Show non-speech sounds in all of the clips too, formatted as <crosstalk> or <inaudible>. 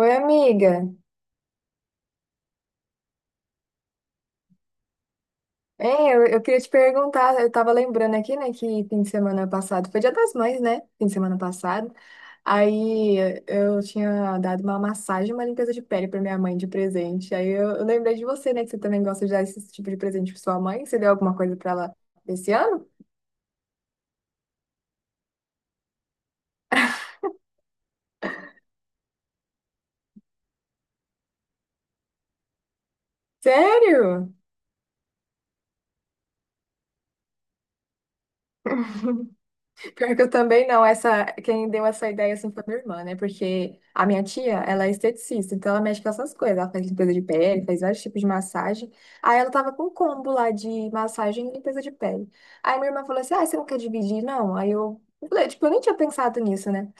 Oi, amiga. Hein, eu queria te perguntar, eu tava lembrando aqui, né, que fim de semana passado, foi Dia das Mães, né? Fim de semana passado. Aí eu tinha dado uma massagem, e uma limpeza de pele pra minha mãe de presente. Aí eu lembrei de você, né, que você também gosta de dar esse tipo de presente pra sua mãe. Você deu alguma coisa pra ela esse ano? Sério? <laughs> Pior que eu também não, essa, quem deu essa ideia assim foi minha irmã, né? Porque a minha tia, ela é esteticista, então ela mexe com essas coisas. Ela faz limpeza de pele, faz vários tipos de massagem. Aí ela tava com um combo lá de massagem e limpeza de pele. Aí minha irmã falou assim: ah, você não quer dividir? Não. Aí eu falei, tipo, eu nem tinha pensado nisso, né?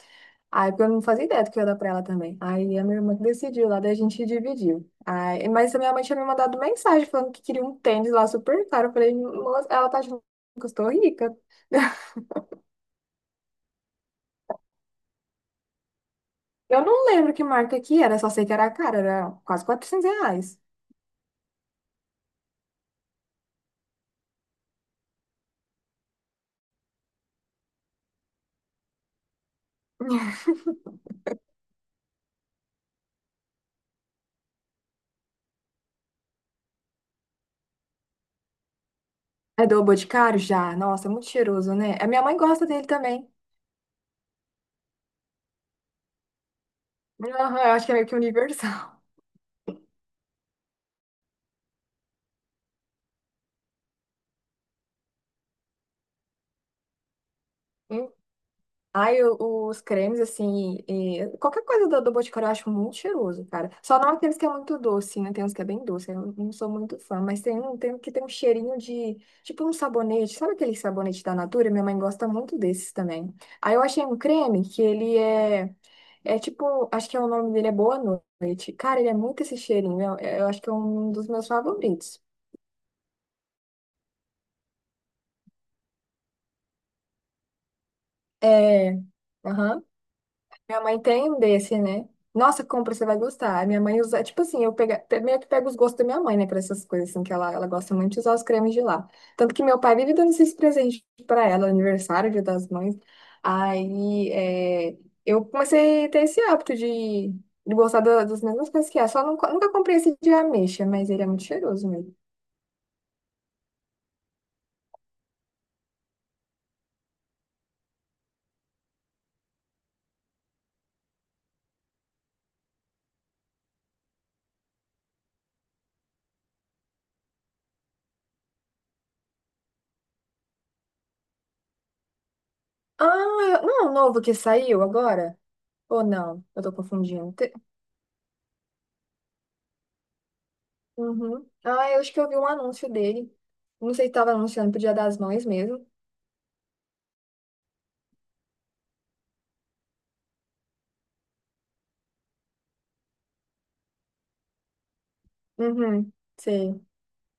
Aí porque eu não fazia ideia do que eu ia dar pra ela também. Aí a minha irmã que decidiu lá, daí a gente dividiu. Aí, mas a minha mãe tinha me mandado mensagem falando que queria um tênis lá super caro. Eu falei, "Nossa, ela tá achando que eu estou rica." Eu não lembro que marca que era, só sei que era cara, era quase R$ 400. É do Boticário já. Nossa, é muito cheiroso, né? A minha mãe gosta dele também. Aham, eu acho que é meio que universal. <laughs> Ai, os cremes, assim, qualquer coisa do Boticário eu acho muito cheiroso, cara. Só não aqueles que é muito doce, né? Tem uns que é bem doce, eu não sou muito fã, mas tem um que tem um cheirinho de, tipo um sabonete, sabe aquele sabonete da Natura? Minha mãe gosta muito desses também. Aí eu achei um creme que ele é, é tipo, acho que é o nome dele é Boa Noite. Cara, ele é muito esse cheirinho, eu acho que é um dos meus favoritos. É, aham. Minha mãe tem um desse, né? Nossa, compra, você vai gostar. Minha mãe usa, tipo assim, meio que pego os gostos da minha mãe, né, para essas coisas, assim, que ela gosta muito de usar os cremes de lá. Tanto que meu pai vive dando esses presentes para ela, aniversário, Dia das Mães. Aí, eu comecei a ter esse hábito de gostar das mesmas coisas que ela. Só nunca comprei esse de ameixa, mas ele é muito cheiroso mesmo. Ah, não é o novo que saiu agora? Ou não? Eu tô confundindo. Uhum. Ah, eu acho que eu vi um anúncio dele. Não sei se estava anunciando pro Dia das Mães mesmo. Uhum, sei.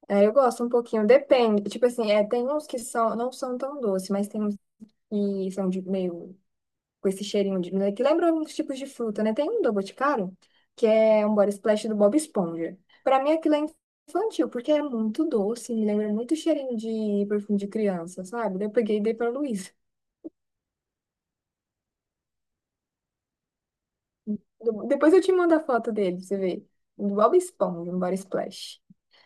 É, eu gosto um pouquinho, depende. Tipo assim, tem uns que são, não são tão doces, mas tem uns que são de meio com esse cheirinho de, né, que lembra uns tipos de fruta, né? Tem um do Boticário, que é um body splash do Bob Esponja. Pra mim aquilo é infantil, porque é muito doce, me lembra muito cheirinho de perfume de criança, sabe? Daí eu peguei e dei pra Luiz. Depois eu te mando a foto dele, pra você ver. Do Bob Esponja, no Body Splash.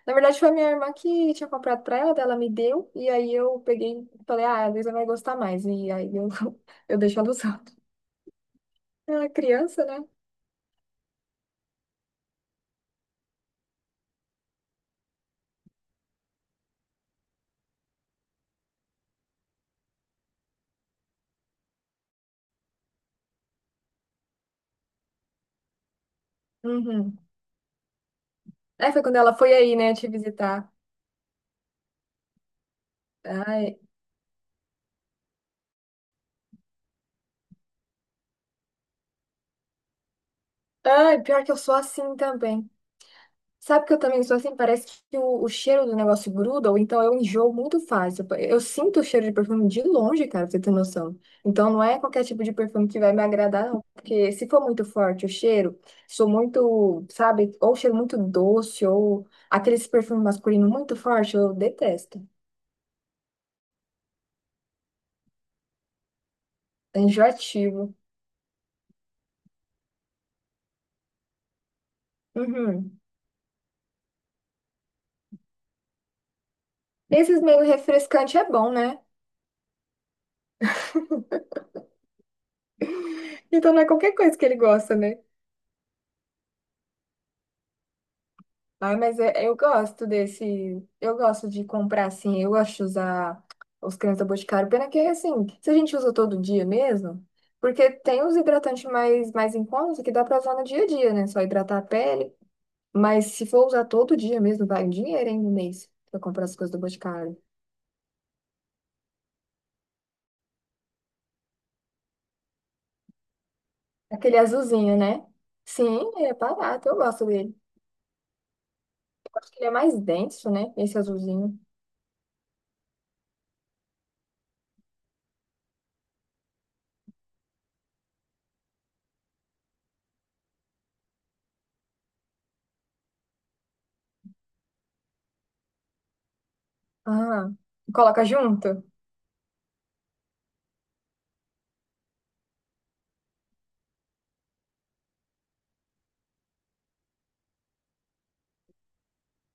Na verdade, foi a minha irmã que tinha comprado pra ela, daí ela me deu, e aí eu peguei e falei, ah, a Luísa vai gostar mais. E aí eu, <laughs> eu deixo ela usando. Ela é criança, né? Uhum. Aí foi quando ela foi aí, né, te visitar. Ai, ai, pior que eu sou assim também. Sabe que eu também sou assim? Parece que o cheiro do negócio gruda, ou então eu enjoo muito fácil. Eu sinto o cheiro de perfume de longe, cara, pra você ter noção. Então não é qualquer tipo de perfume que vai me agradar, não. Porque se for muito forte o cheiro, sou muito, sabe, ou cheiro muito doce, ou aqueles perfumes masculinos muito forte, eu detesto. É enjoativo. Uhum. Esses meio refrescante é bom, né? Então não é qualquer coisa que ele gosta, né? Ai, mas eu gosto desse. Eu gosto de comprar assim. Eu gosto de usar os cremes da Boticário. Pena que, assim, se a gente usa todo dia mesmo. Porque tem os hidratantes mais em conta que dá pra usar no dia a dia, né? Só hidratar a pele. Mas se for usar todo dia mesmo, vai um dinheiro hein, no mês pra comprar as coisas do Boticário. Aquele azulzinho, né? Sim, ele é barato. Eu gosto dele. Eu acho que ele é mais denso, né? Esse azulzinho. Ah, coloca junto.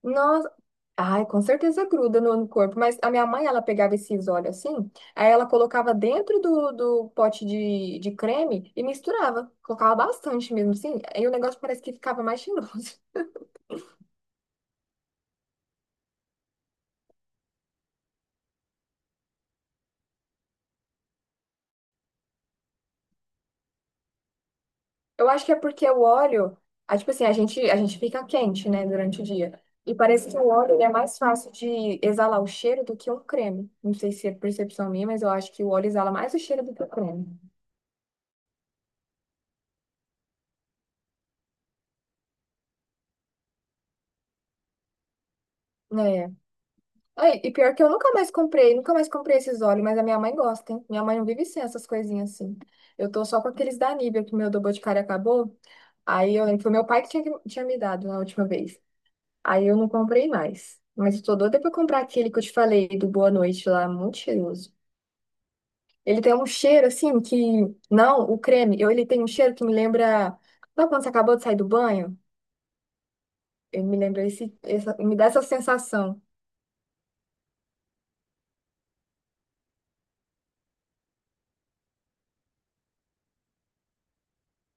Nossa, ai, com certeza gruda no corpo, mas a minha mãe, ela pegava esses óleos assim, aí ela colocava dentro do pote de creme e misturava, colocava bastante mesmo, assim, aí o negócio parece que ficava mais cheiroso. <laughs> Eu acho que é porque o óleo, tipo assim, a gente fica quente, né, durante o dia, e parece que o óleo, ele é mais fácil de exalar o cheiro do que um creme. Não sei se é percepção minha, mas eu acho que o óleo exala mais o cheiro do que o creme. Né? Ai, e pior que eu nunca mais comprei, nunca mais comprei esses óleos, mas a minha mãe gosta, hein? Minha mãe não vive sem essas coisinhas assim. Eu tô só com aqueles da Nivea, que meu do Boticário acabou. Aí eu lembro, foi meu pai que tinha me dado na última vez. Aí eu não comprei mais. Mas eu tô doida pra comprar aquele que eu te falei, do Boa Noite lá, muito cheiroso. Ele tem um cheiro assim que. Não, o creme, eu, ele tem um cheiro que me lembra. Sabe quando você acabou de sair do banho? Ele me lembra esse, essa, me dá essa sensação.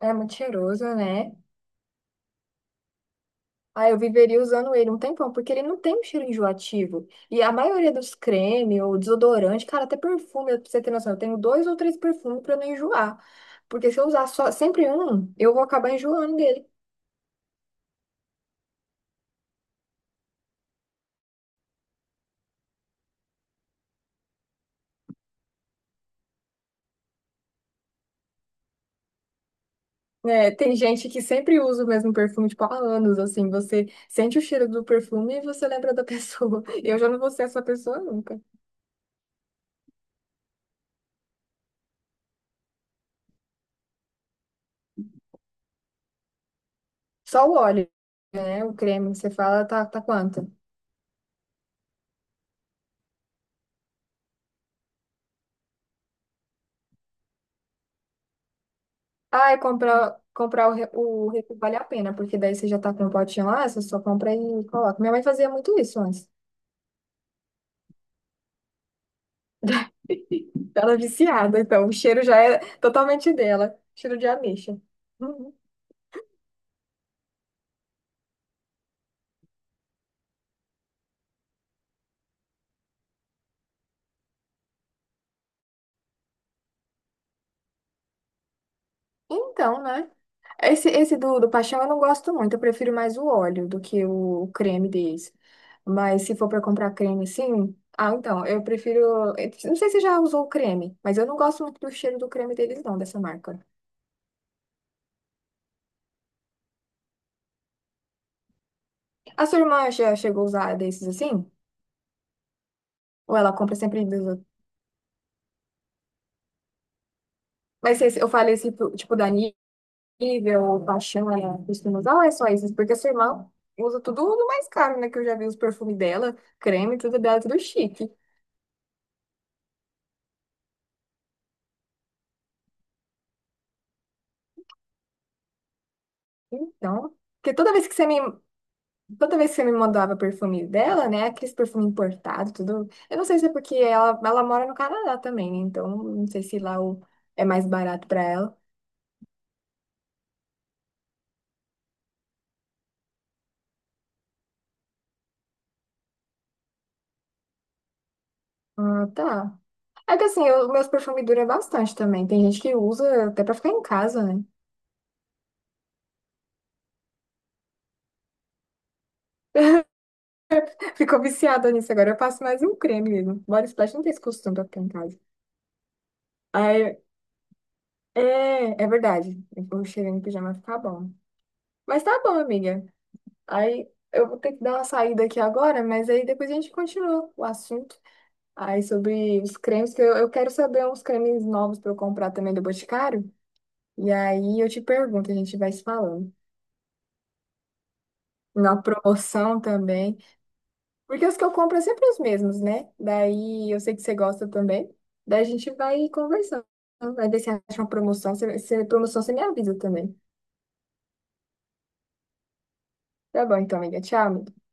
É muito cheiroso, né? Ah, eu viveria usando ele um tempão, porque ele não tem um cheiro enjoativo. E a maioria dos creme ou desodorante, cara, até perfume, pra você ter noção, eu tenho dois ou três perfumes pra não enjoar. Porque se eu usar só sempre um, eu vou acabar enjoando dele. Né, tem gente que sempre usa o mesmo perfume, tipo, há anos, assim, você sente o cheiro do perfume e você lembra da pessoa. <laughs> Eu já não vou ser essa pessoa nunca. Só o óleo, né? O creme que você fala tá, tá quanto? Ah, é comprar, comprar o, o refil vale a pena, porque daí você já tá com o potinho lá, você só compra e coloca. Minha mãe fazia muito isso antes. Ela é viciada, então o cheiro já é totalmente dela. Cheiro de ameixa. Uhum. Então, né? Esse do paixão eu não gosto muito. Eu prefiro mais o óleo do que o creme deles. Mas se for para comprar creme sim. Ah, então, eu prefiro. Eu Não sei se você já usou o creme, mas eu não gosto muito do cheiro do creme deles, não, dessa marca. A sua irmã já chegou a usar desses assim? Ou ela compra sempre dos. Mas se eu falei esse tipo da Nivea ou Paixão, ela costuma usar, ou é só esses? Porque sua irmã usa tudo do mais caro, né? Que eu já vi os perfumes dela, creme, tudo dela, tudo chique. Então, porque toda vez que você me, toda vez que você me mandava perfume dela, né? Aqueles perfume importado tudo. Eu não sei se é porque ela mora no Canadá também, né? Então, não sei se lá o, é mais barato pra ela. Ah, tá. É que assim, eu, meus perfumes duram bastante também. Tem gente que usa até pra ficar em casa, né? Ficou viciada nisso agora. Eu passo mais um creme mesmo. Body Splash não tem esse costume pra ficar em casa. Aí, é, é verdade. Eu vou chegar no pijama ficar bom. Mas tá bom, amiga. Aí eu vou ter que dar uma saída aqui agora, mas aí depois a gente continua o assunto. Aí sobre os cremes, que eu quero saber uns cremes novos pra eu comprar também do Boticário. E aí eu te pergunto, a gente vai se falando. Na promoção também. Porque os que eu compro é sempre os mesmos, né? Daí eu sei que você gosta também. Daí a gente vai conversando. Vai ver se acha uma promoção. Se é promoção, você me avisa também. Tá bom, então, amiga. Tchau, amiga.